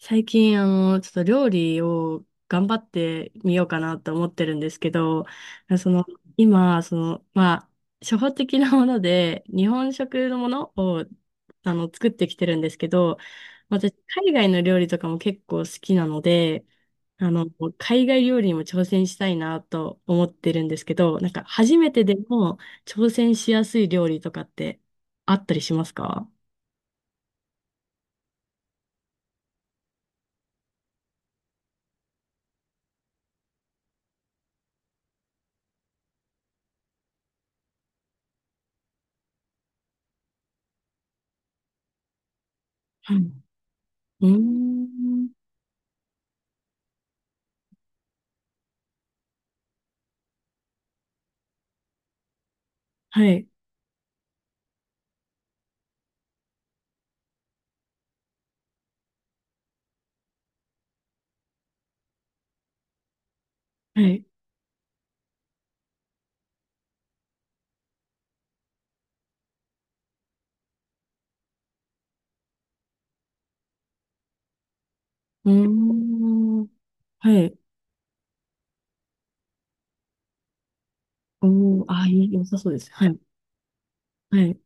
最近、ちょっと料理を頑張ってみようかなと思ってるんですけど、その、今、初歩的なもので、日本食のものを、作ってきてるんですけど、私、海外の料理とかも結構好きなので、あの、海外料理にも挑戦したいなと思ってるんですけど、初めてでも挑戦しやすい料理とかってあったりしますか？はい。うーん。はい。はい。うーん。はい。おー、あー、いい、良さそうです。はい。はい。う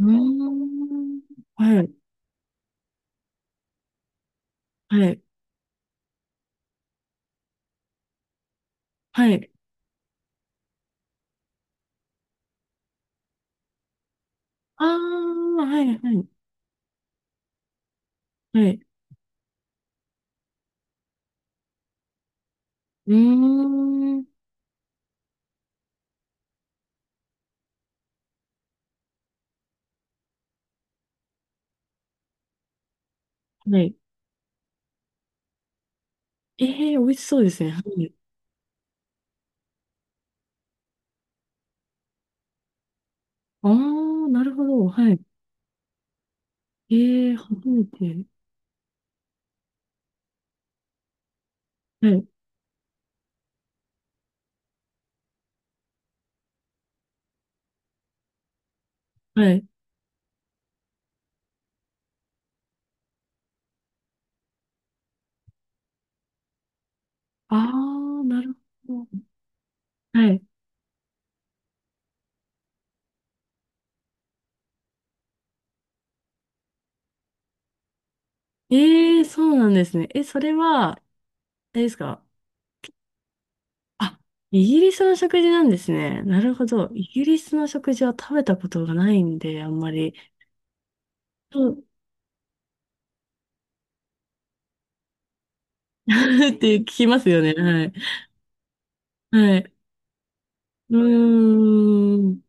ーん。はい。はい。はい。ああ、はい、はい。はい。うーん。はい。ええー、美味しそうですね。はい。ああ、なるほど。はい。ええー、初めて。はい。はい。ああ、なるほど。はい。ええー、そうなんですね。え、それは、あれですか？あ、イギリスの食事なんですね。なるほど。イギリスの食事は食べたことがないんで、あんまり。そう って聞きますよね。はい。はい。うーん。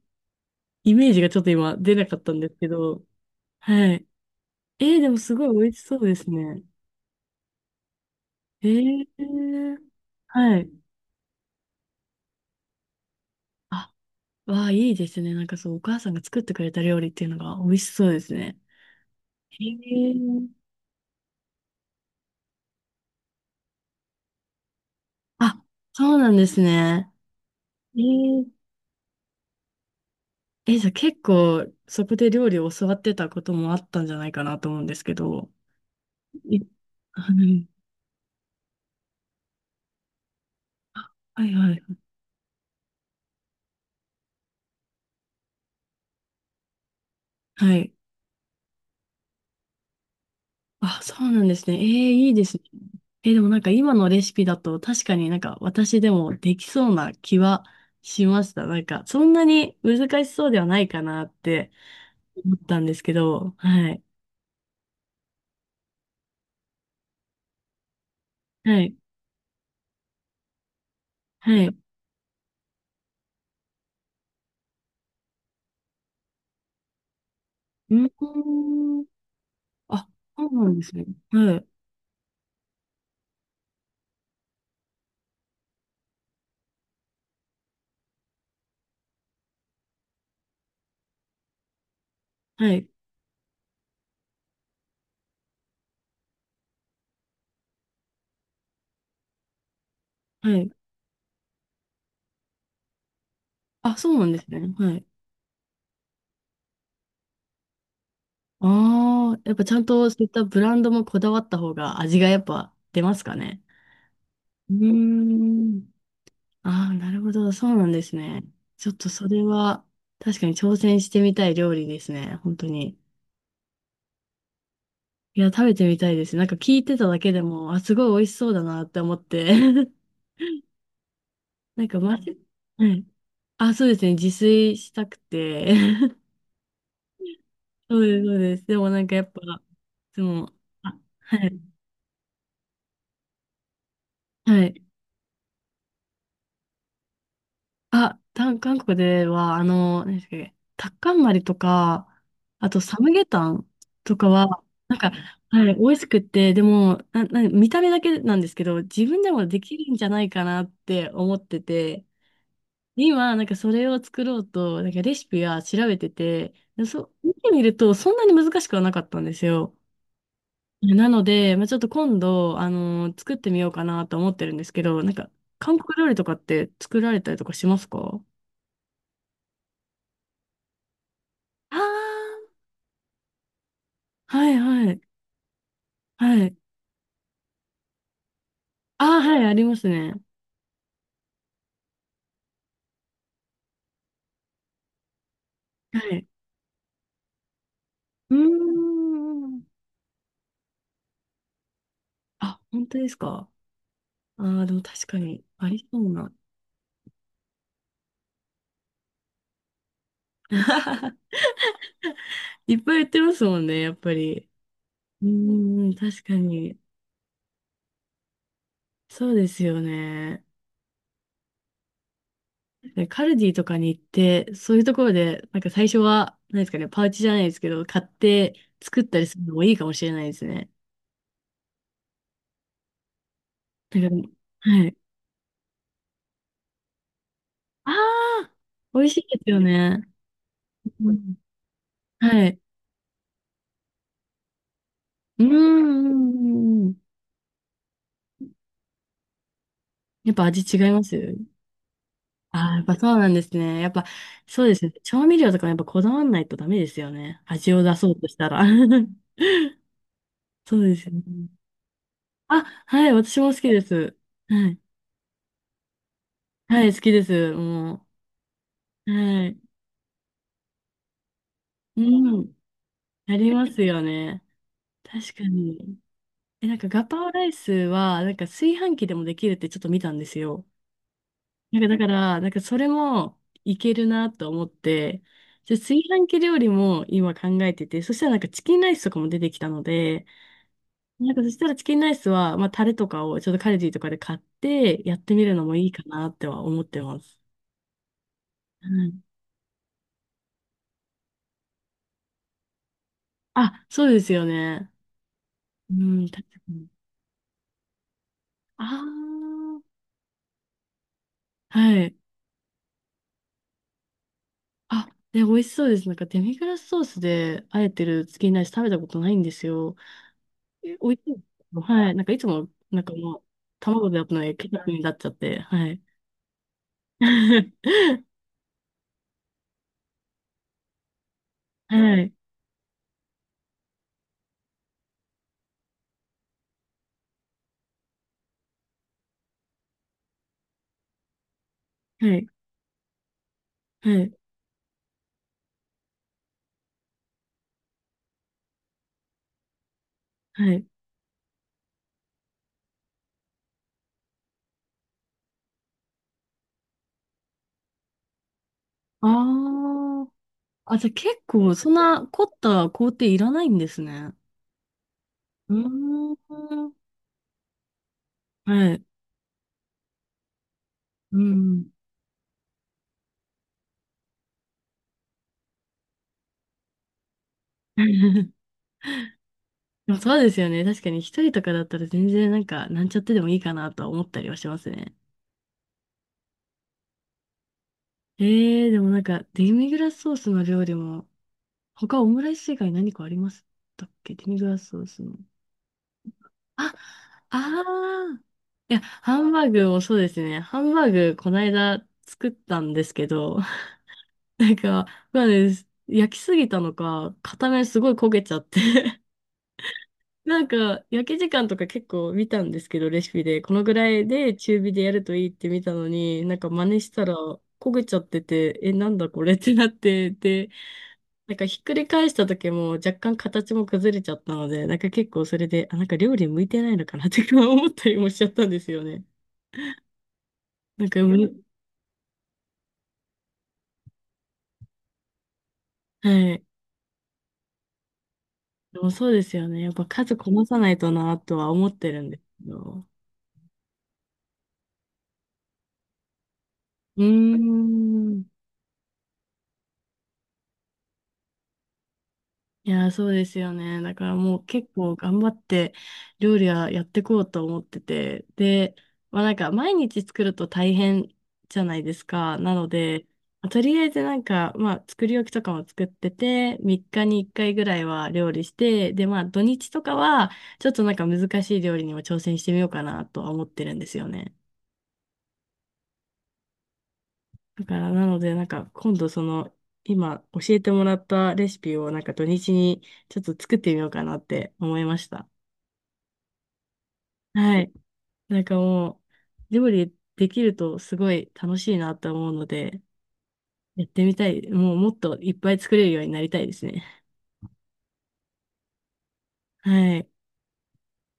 イメージがちょっと今出なかったんですけど。はい。えー、でもすごい美味しそうですね。えー、はい。あ、わあ、いいですね。なんかそう、お母さんが作ってくれた料理っていうのが美味しそうですね。えー、あ、そうなんですね。えーえ、じゃあ結構そこで料理を教わってたこともあったんじゃないかなと思うんですけど。いはい。あはいはい。はい。あ、そうなんですね。えー、いいですね。えー、でもなんか今のレシピだと確かになんか私でもできそうな気はしました。なんかそんなに難しそうではないかなって思ったんですけど。はい。はい。はい。うーん。あ、そうなんですね。はい。はい。はい。あ、そうなんですね。はい。ああ、やっぱちゃんとそういったブランドもこだわった方が味がやっぱ出ますかね？うーん。ああ、なるほど。そうなんですね。ちょっとそれは確かに挑戦してみたい料理ですね。本当に。いや、食べてみたいです。なんか聞いてただけでも、あ、すごい美味しそうだなって思って。はい。あ、そうですね。自炊したくて。そうです、そうです。でもなんかやっぱ、いつも、あ、はい。はい。あ、韓国では、何でしたっけ、タッカンマリとか、あとサムゲタンとかは、なんか、はい、美味しくって、でも、見た目だけなんですけど、自分でもできるんじゃないかなって思ってて、で今、なんかそれを作ろうと、なんかレシピは調べてて、見てみると、そんなに難しくはなかったんですよ。なので、ちょっと今度、作ってみようかなと思ってるんですけど、韓国料理とかって作られたりとかしますか？あーはいはい。はい。ああ、はい、ありますね。はい。うーん。あ、本当ですか？ああー、でも確かに、ありそうな。いっぱい言ってますもんね、やっぱり。うーん、確かに。そうですよね。でカルディとかに行って、そういうところで、なんか最初は、何ですかね、パウチじゃないですけど、買って作ったりするのもいいかもしれないですね。なんか、はい。ああ、美味しいですよね。うんはい。うーん。やっぱ味違います？ああやっぱそうなんですね。やっぱそうですね。調味料とかもやっぱこだわんないとダメですよね。味を出そうとしたら。そうですよね。あ、はい、私も好きです。はい。はい、好きです。もう。はい。うん。ありますよね。確かに。え、なんかガパオライスは、なんか炊飯器でもできるってちょっと見たんですよ。なんかだから、なんかそれもいけるなと思って、じゃあ炊飯器料理も今考えてて、そしたらなんかチキンライスとかも出てきたので、なんかそしたらチキンライスは、まあタレとかをちょっとカルディとかで買ってやってみるのもいいかなっては思ってます。うん。あ、そうですよね。うん、確かに。あーはい。あ、で、美味しそうです。なんかデミグラスソースであえてるチキンライス食べたことないんですよ。え、美味しいです。はい。なんかいつも、なんかもう、卵でやったのにケチャップになっちゃって、はい。はい。はい。はい。はい。ああ。あ、じゃあ結構、そんな凝った工程いらないんですね。うーん。はい。うん。でもそうですよね。確かに一人とかだったら全然なんか、なんちゃってでもいいかなとは思ったりはしますね。えー、でもなんか、デミグラスソースの料理も、他オムライス以外何かありましたっけ？デミグラスソースの。あ、ああ。いや、ハンバーグもそうですね。ハンバーグ、こないだ作ったんですけど、なんか、まあね、焼きすぎたのか、片面すごい焦げちゃって。なんか、焼き時間とか結構見たんですけど、レシピで。このぐらいで中火でやるといいって見たのに、なんか真似したら焦げちゃってて、え、なんだこれってなって、で、なんかひっくり返した時も若干形も崩れちゃったので、なんか結構それで、あ、なんか料理向いてないのかなってか 思ったりもしちゃったんですよね。なんか、むはい。でもそうですよね。やっぱ数こなさないとなとは思ってるんですけど。うーん。いやー、そうですよね。だからもう結構頑張って料理はやってこうと思ってて。で、まあなんか毎日作ると大変じゃないですか。なので、まあとりあえずなんか、まあ作り置きとかも作ってて、3日に1回ぐらいは料理して、でまあ土日とかはちょっとなんか難しい料理にも挑戦してみようかなとは思ってるんですよね。だからなのでなんか今度その今教えてもらったレシピをなんか土日にちょっと作ってみようかなって思いました。はい。なんかもう、料理できるとすごい楽しいなと思うので、やってみたい。もうもっといっぱい作れるようになりたいですね。はい。